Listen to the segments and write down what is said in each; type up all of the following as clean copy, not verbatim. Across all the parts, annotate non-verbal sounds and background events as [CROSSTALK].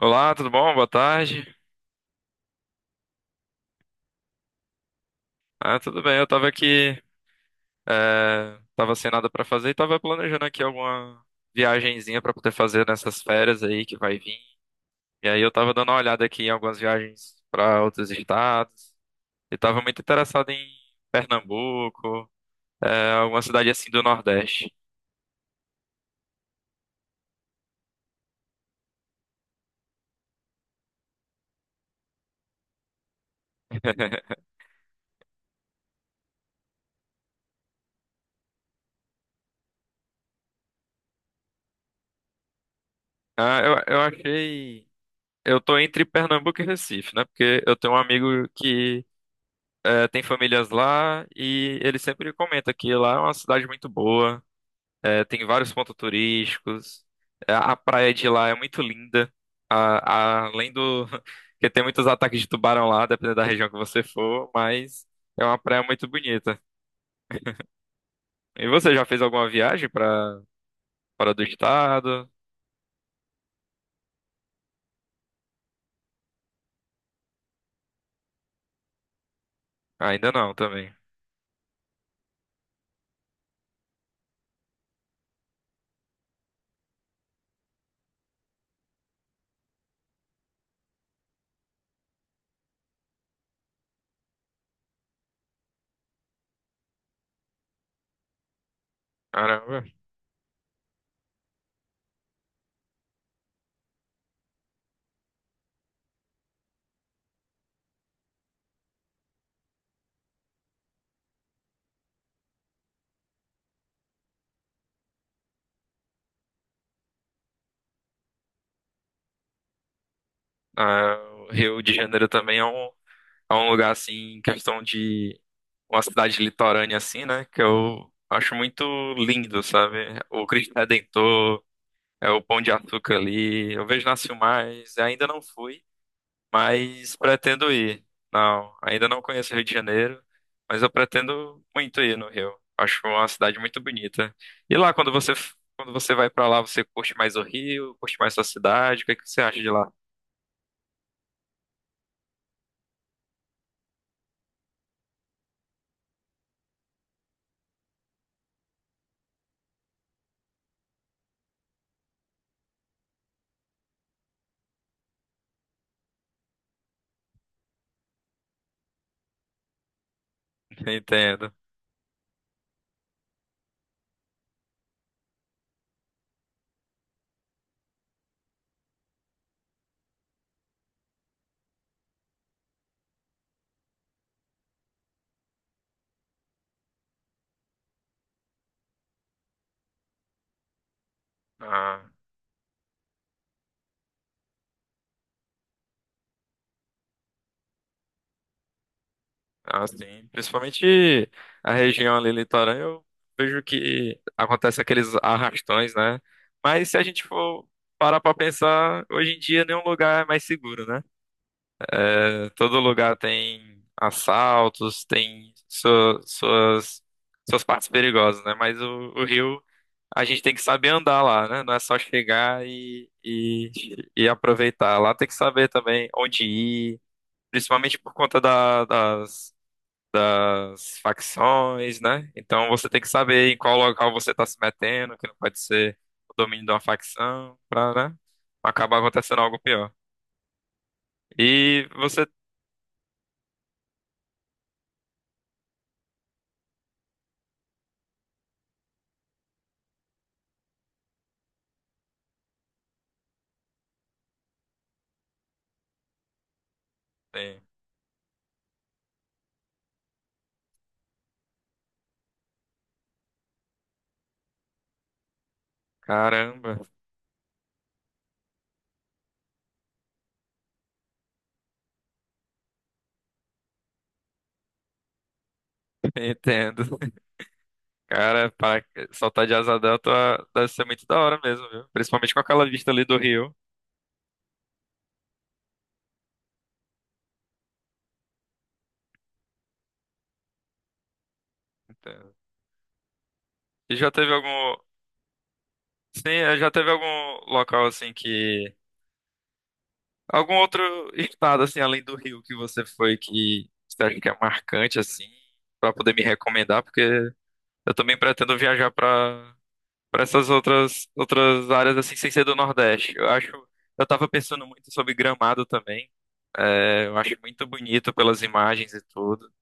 Olá, tudo bom? Boa tarde. Ah, tudo bem. Eu tava aqui, tava sem nada pra fazer e tava planejando aqui alguma viagenzinha pra poder fazer nessas férias aí que vai vir. E aí eu tava dando uma olhada aqui em algumas viagens pra outros estados e tava muito interessado em Pernambuco, alguma cidade assim do Nordeste. Ah, eu achei. Eu tô entre Pernambuco e Recife, né? Porque eu tenho um amigo que tem famílias lá e ele sempre comenta que lá é uma cidade muito boa. É, tem vários pontos turísticos. É, a praia de lá é muito linda. Além do [LAUGHS] que tem muitos ataques de tubarão lá, dependendo da região que você for, mas é uma praia muito bonita. E você já fez alguma viagem para fora do estado? Ainda não, também. Caramba. Ah, o Rio de Janeiro também é é um lugar assim, em questão de uma cidade litorânea assim, né? Que eu acho muito lindo, sabe? O Cristo Redentor. É o Pão de Açúcar ali. Eu vejo nasceu mais. Ainda não fui, mas pretendo ir. Não, ainda não conheço o Rio de Janeiro, mas eu pretendo muito ir no Rio. Acho uma cidade muito bonita. E lá, quando você vai pra lá, você curte mais o Rio, curte mais sua cidade? O que é que você acha de lá? [LAUGHS] Entendo. Ah. Ah, sim. Principalmente a região ali litorânea, eu vejo que acontece aqueles arrastões, né? Mas se a gente for parar pra pensar, hoje em dia nenhum lugar é mais seguro, né? É, todo lugar tem assaltos, tem suas, suas partes perigosas, né? Mas o Rio, a gente tem que saber andar lá, né? Não é só chegar e aproveitar. Lá tem que saber também onde ir, principalmente por conta das das facções, né? Então você tem que saber em qual local você está se metendo, que não pode ser o domínio de uma facção, pra, né? Não acabar acontecendo algo pior. E você tem. Caramba, [LAUGHS] entendo. Cara, para soltar de Asa Delta deve ser muito da hora mesmo, viu? Principalmente com aquela vista ali do rio. Entendo. E já teve algum. Sim, é, já teve algum local assim que. Algum outro estado, assim, além do Rio que você foi, que você acha que é marcante, assim, pra poder me recomendar? Porque eu também pretendo viajar pra para essas outras áreas, assim, sem ser do Nordeste. Eu acho, eu tava pensando muito sobre Gramado também. É, eu acho muito bonito pelas imagens e tudo.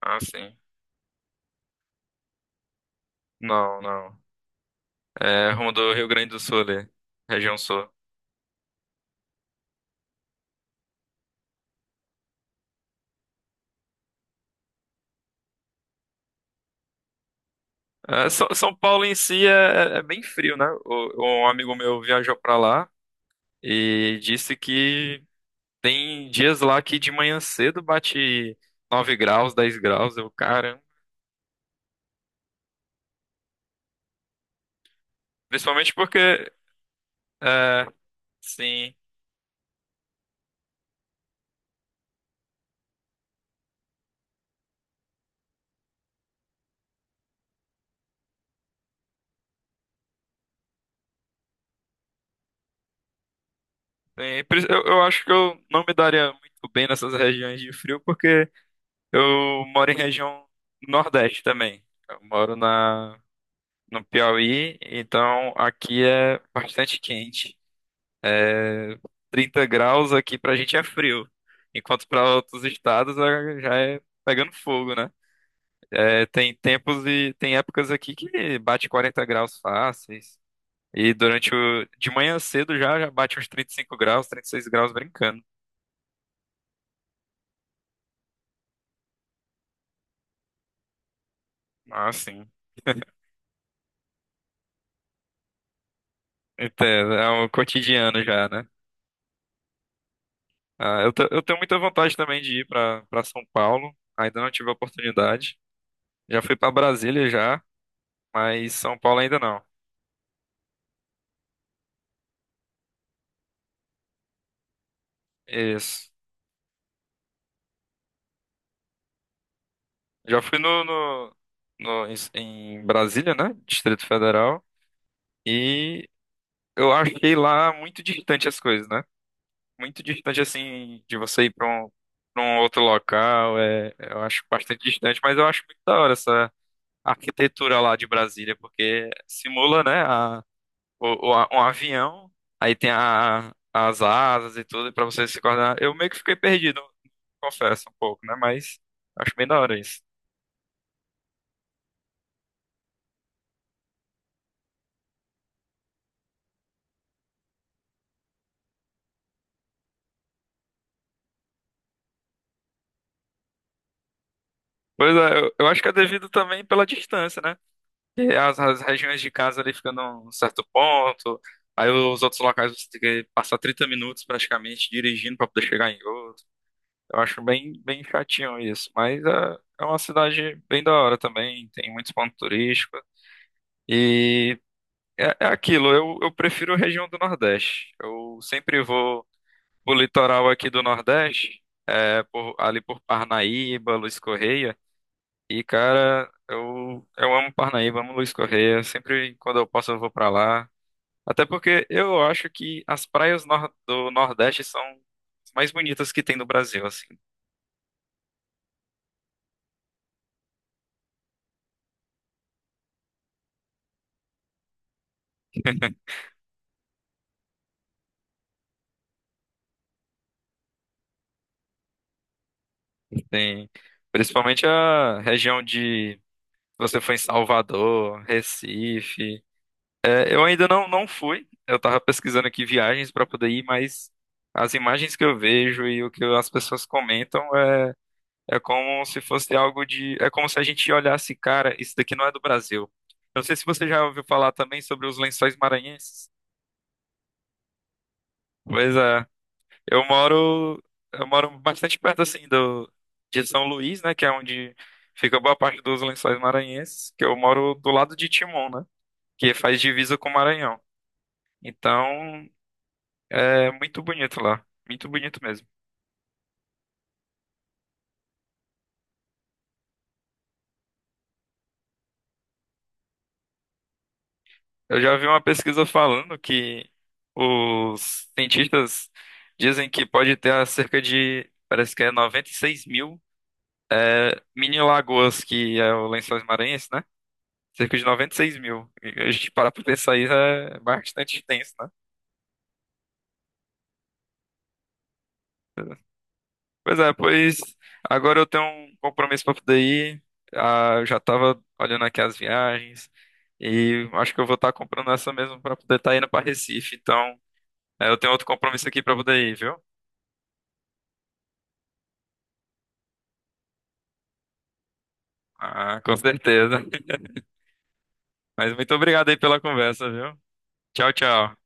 Assim, não. É rumo do Rio Grande do Sul ali, região sul. É, São Paulo em si é bem frio, né? Um amigo meu viajou pra lá. E disse que tem dias lá que de manhã cedo bate 9 graus, 10 graus. Eu, cara, principalmente porque, é, sim, eu acho que eu não me daria muito bem nessas regiões de frio, porque eu moro em região Nordeste também. Eu moro no Piauí, então aqui é bastante quente. 30 graus aqui pra gente é frio, enquanto pra outros estados já é pegando fogo, né? É, tem tempos e tem épocas aqui que bate 40 graus fáceis. E durante o. De manhã cedo já bate uns 35 graus, 36 graus brincando. Ah, sim. [LAUGHS] Então, é um cotidiano já, né? Ah, eu tenho muita vontade também de ir para São Paulo. Ainda não tive a oportunidade. Já fui para Brasília já, mas São Paulo ainda não. Isso. Já fui em Brasília, né? Distrito Federal. E eu achei lá muito distante as coisas, né? Muito distante assim de você ir para pra um outro local, é, eu acho bastante distante, mas eu acho muito da hora essa arquitetura lá de Brasília, porque simula, né, a, o- a- um avião, aí tem as asas e tudo, para você se coordenar. Eu meio que fiquei perdido, confesso um pouco, né, mas acho bem da hora isso. Pois é, eu acho que é devido também pela distância, né? E as regiões de casa ali ficando um certo ponto, aí os outros locais você tem que passar 30 minutos praticamente dirigindo para poder chegar em outro. Eu acho bem, bem chatinho isso, mas é uma cidade bem da hora também, tem muitos pontos turísticos. E é aquilo, eu prefiro a região do Nordeste. Eu sempre vou pro litoral aqui do Nordeste, é, por- ali por Parnaíba, Luiz Correia. E, cara, eu amo Parnaíba, amo Luiz Correia. Sempre quando eu posso, eu vou pra lá. Até porque eu acho que as praias do Nordeste são as mais bonitas que tem no Brasil, assim. Tem, principalmente a região de você foi em Salvador, Recife. É, eu ainda não fui. Eu tava pesquisando aqui viagens para poder ir, mas as imagens que eu vejo e o que as pessoas comentam é, é como se fosse algo de, é como se a gente olhasse, cara, isso daqui não é do Brasil. Eu não sei se você já ouviu falar também sobre os Lençóis Maranhenses. Pois é. Eu moro, eu moro bastante perto assim do de São Luís, né, que é onde fica boa parte dos Lençóis Maranhenses, que eu moro do lado de Timon, né, que faz divisa com o Maranhão. Então, é muito bonito lá, muito bonito mesmo. Eu já vi uma pesquisa falando que os cientistas dizem que pode ter cerca de, parece que é 96 mil mini lagoas, que é o Lençóis Maranhenses, né? Cerca de 96 mil. E a gente parar pra pensar isso é bastante extenso, né. Pois é, pois agora eu tenho um compromisso pra poder ir. Ah, eu já tava olhando aqui as viagens e acho que eu vou estar comprando essa mesmo pra poder estar indo pra Recife. Então, é, eu tenho outro compromisso aqui pra poder ir, viu? Ah, com certeza. [LAUGHS] Mas muito obrigado aí pela conversa, viu? Tchau, tchau.